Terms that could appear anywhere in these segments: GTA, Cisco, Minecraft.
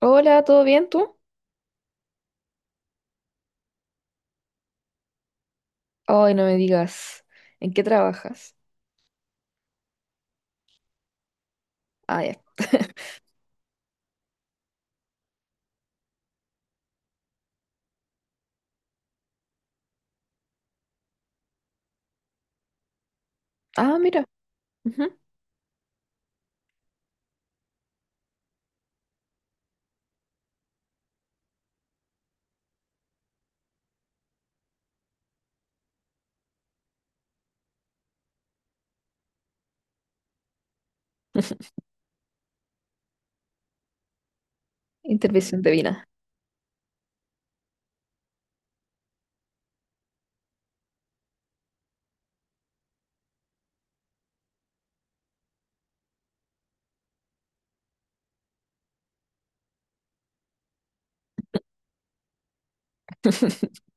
Hola, ¿todo bien tú? Ay, no me digas, ¿en qué trabajas? Ah, ya. Ah, mira, ujú. Intervención divina.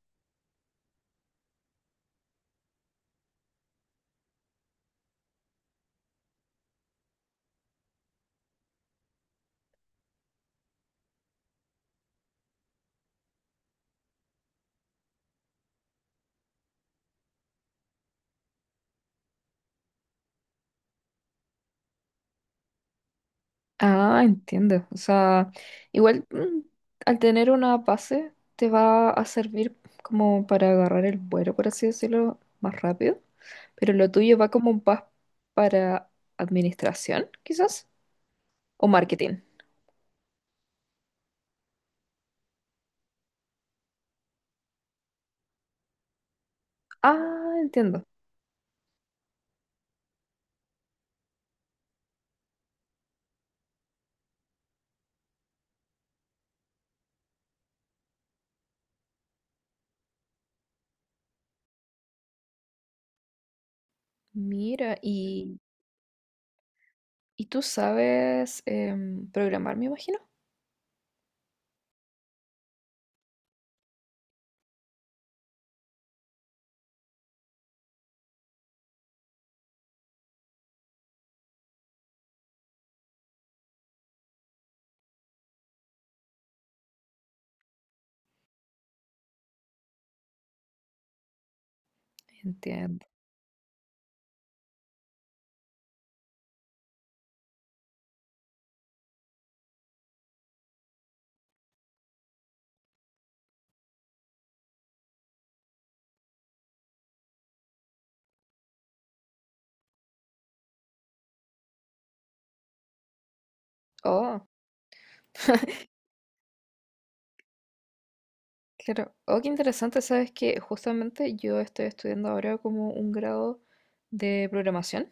Ah, entiendo. O sea, igual al tener una base te va a servir como para agarrar el vuelo, por así decirlo, más rápido, pero lo tuyo va como más para administración, quizás, o marketing. Ah, entiendo. Mira, y tú sabes programar, me imagino. Entiendo. Oh, claro. Oh, qué interesante. Sabes que justamente yo estoy estudiando ahora como un grado de programación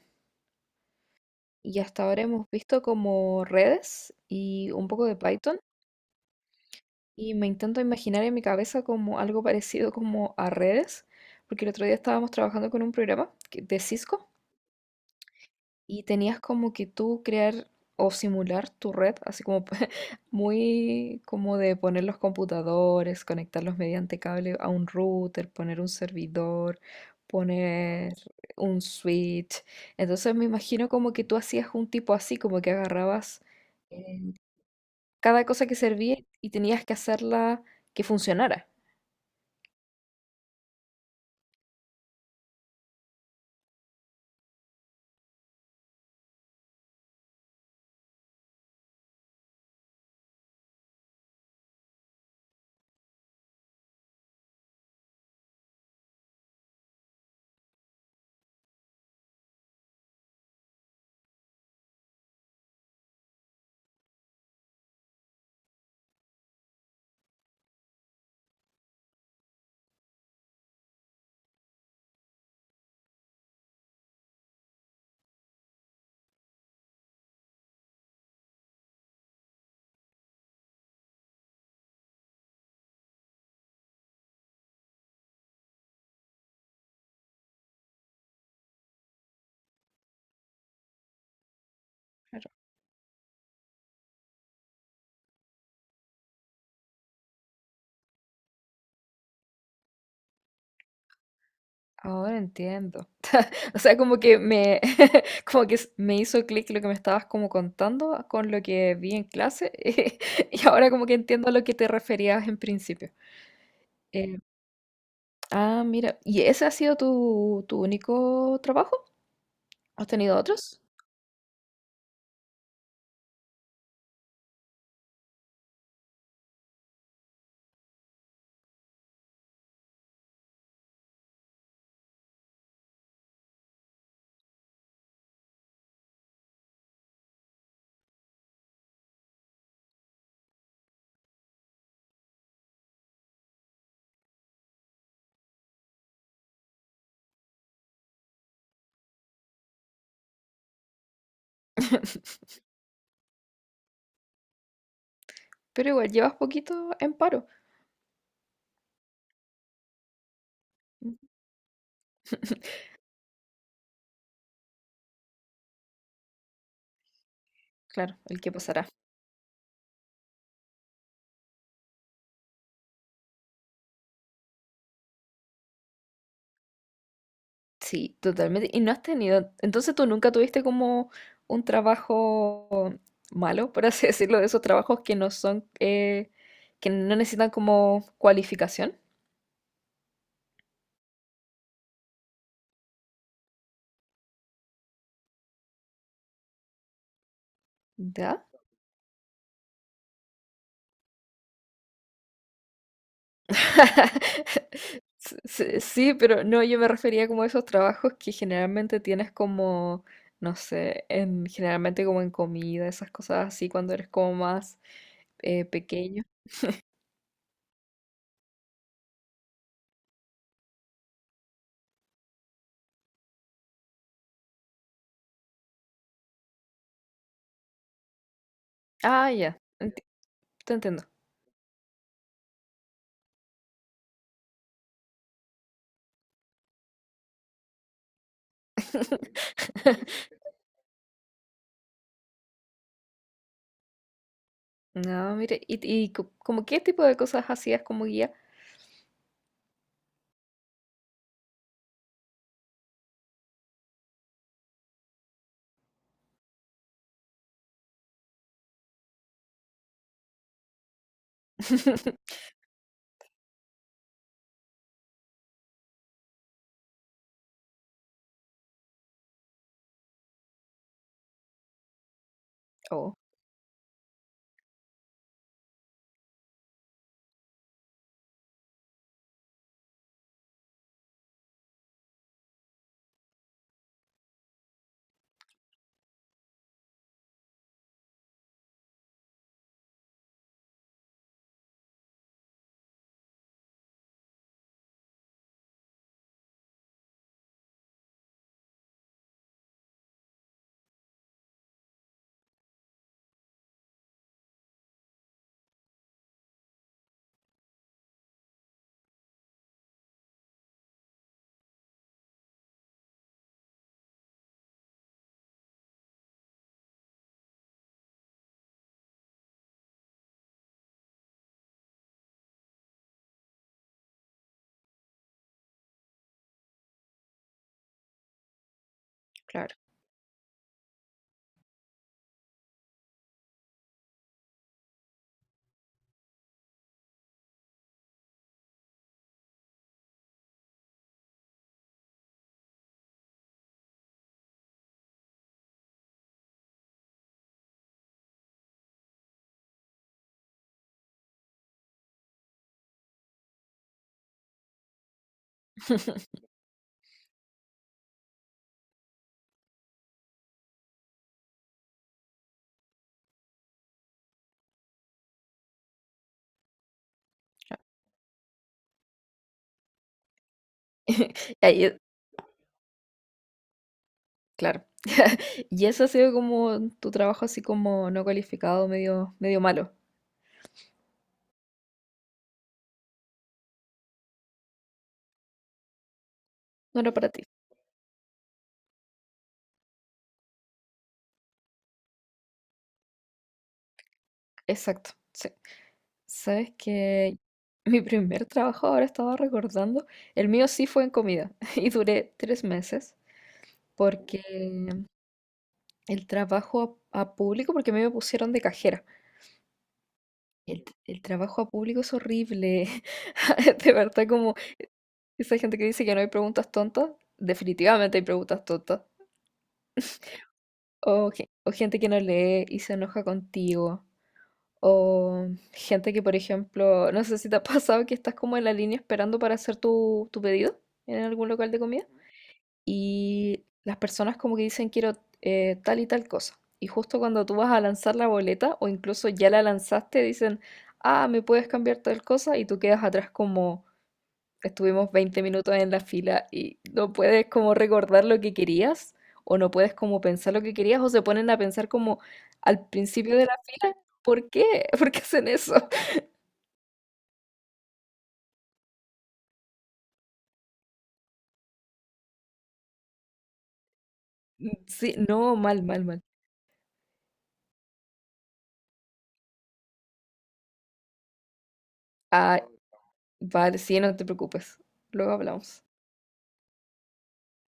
y hasta ahora hemos visto como redes y un poco de Python y me intento imaginar en mi cabeza como algo parecido como a redes, porque el otro día estábamos trabajando con un programa de Cisco y tenías como que tú crear o simular tu red, así como muy como de poner los computadores, conectarlos mediante cable a un router, poner un servidor, poner un switch. Entonces me imagino como que tú hacías un tipo así, como que agarrabas eh, cada cosa que servía y tenías que hacerla que funcionara. Claro. Ahora entiendo. O sea, como que me, como que me hizo clic lo que me estabas como contando con lo que vi en clase y ahora como que entiendo a lo que te referías en principio. Eh, mira, ¿y ese ha sido tu único trabajo? ¿Has tenido otros? Pero igual, llevas poquito en paro. Claro, el que pasará. Sí, totalmente. ¿Y no has tenido, entonces tú nunca tuviste como un trabajo malo, por así decirlo, de esos trabajos que no son, que no necesitan como cualificación? ¿Ya? Sí, pero no, yo me refería como a esos trabajos que generalmente tienes como, no sé, generalmente como en comida, esas cosas así, cuando eres como más pequeño. Ah, ya, te entiendo. No, mire, ¿y como qué tipo de cosas hacías como guía? Oh, claro. Y ahí es- claro. Y eso ha sido como tu trabajo así como no cualificado, medio, medio malo. No era para ti. Exacto, sí. Sabes que mi primer trabajo, ahora estaba recordando, el mío sí fue en comida y duré 3 meses porque el trabajo a público, porque a mí me pusieron de cajera. El trabajo a público es horrible. De verdad, como esa gente que dice que no hay preguntas tontas, definitivamente hay preguntas tontas. O gente que no lee y se enoja contigo. O gente que, por ejemplo, no sé si te ha pasado que estás como en la línea esperando para hacer tu pedido en algún local de comida, y las personas como que dicen quiero tal y tal cosa. Y justo cuando tú vas a lanzar la boleta o incluso ya la lanzaste, dicen, ah, me puedes cambiar tal cosa y tú quedas atrás como estuvimos 20 minutos en la fila y no puedes como recordar lo que querías o no puedes como pensar lo que querías o se ponen a pensar como al principio de la fila, ¿por qué? ¿Por qué hacen eso? Sí, no, mal, mal, mal. Ah, vale, sí, no te preocupes. Luego hablamos.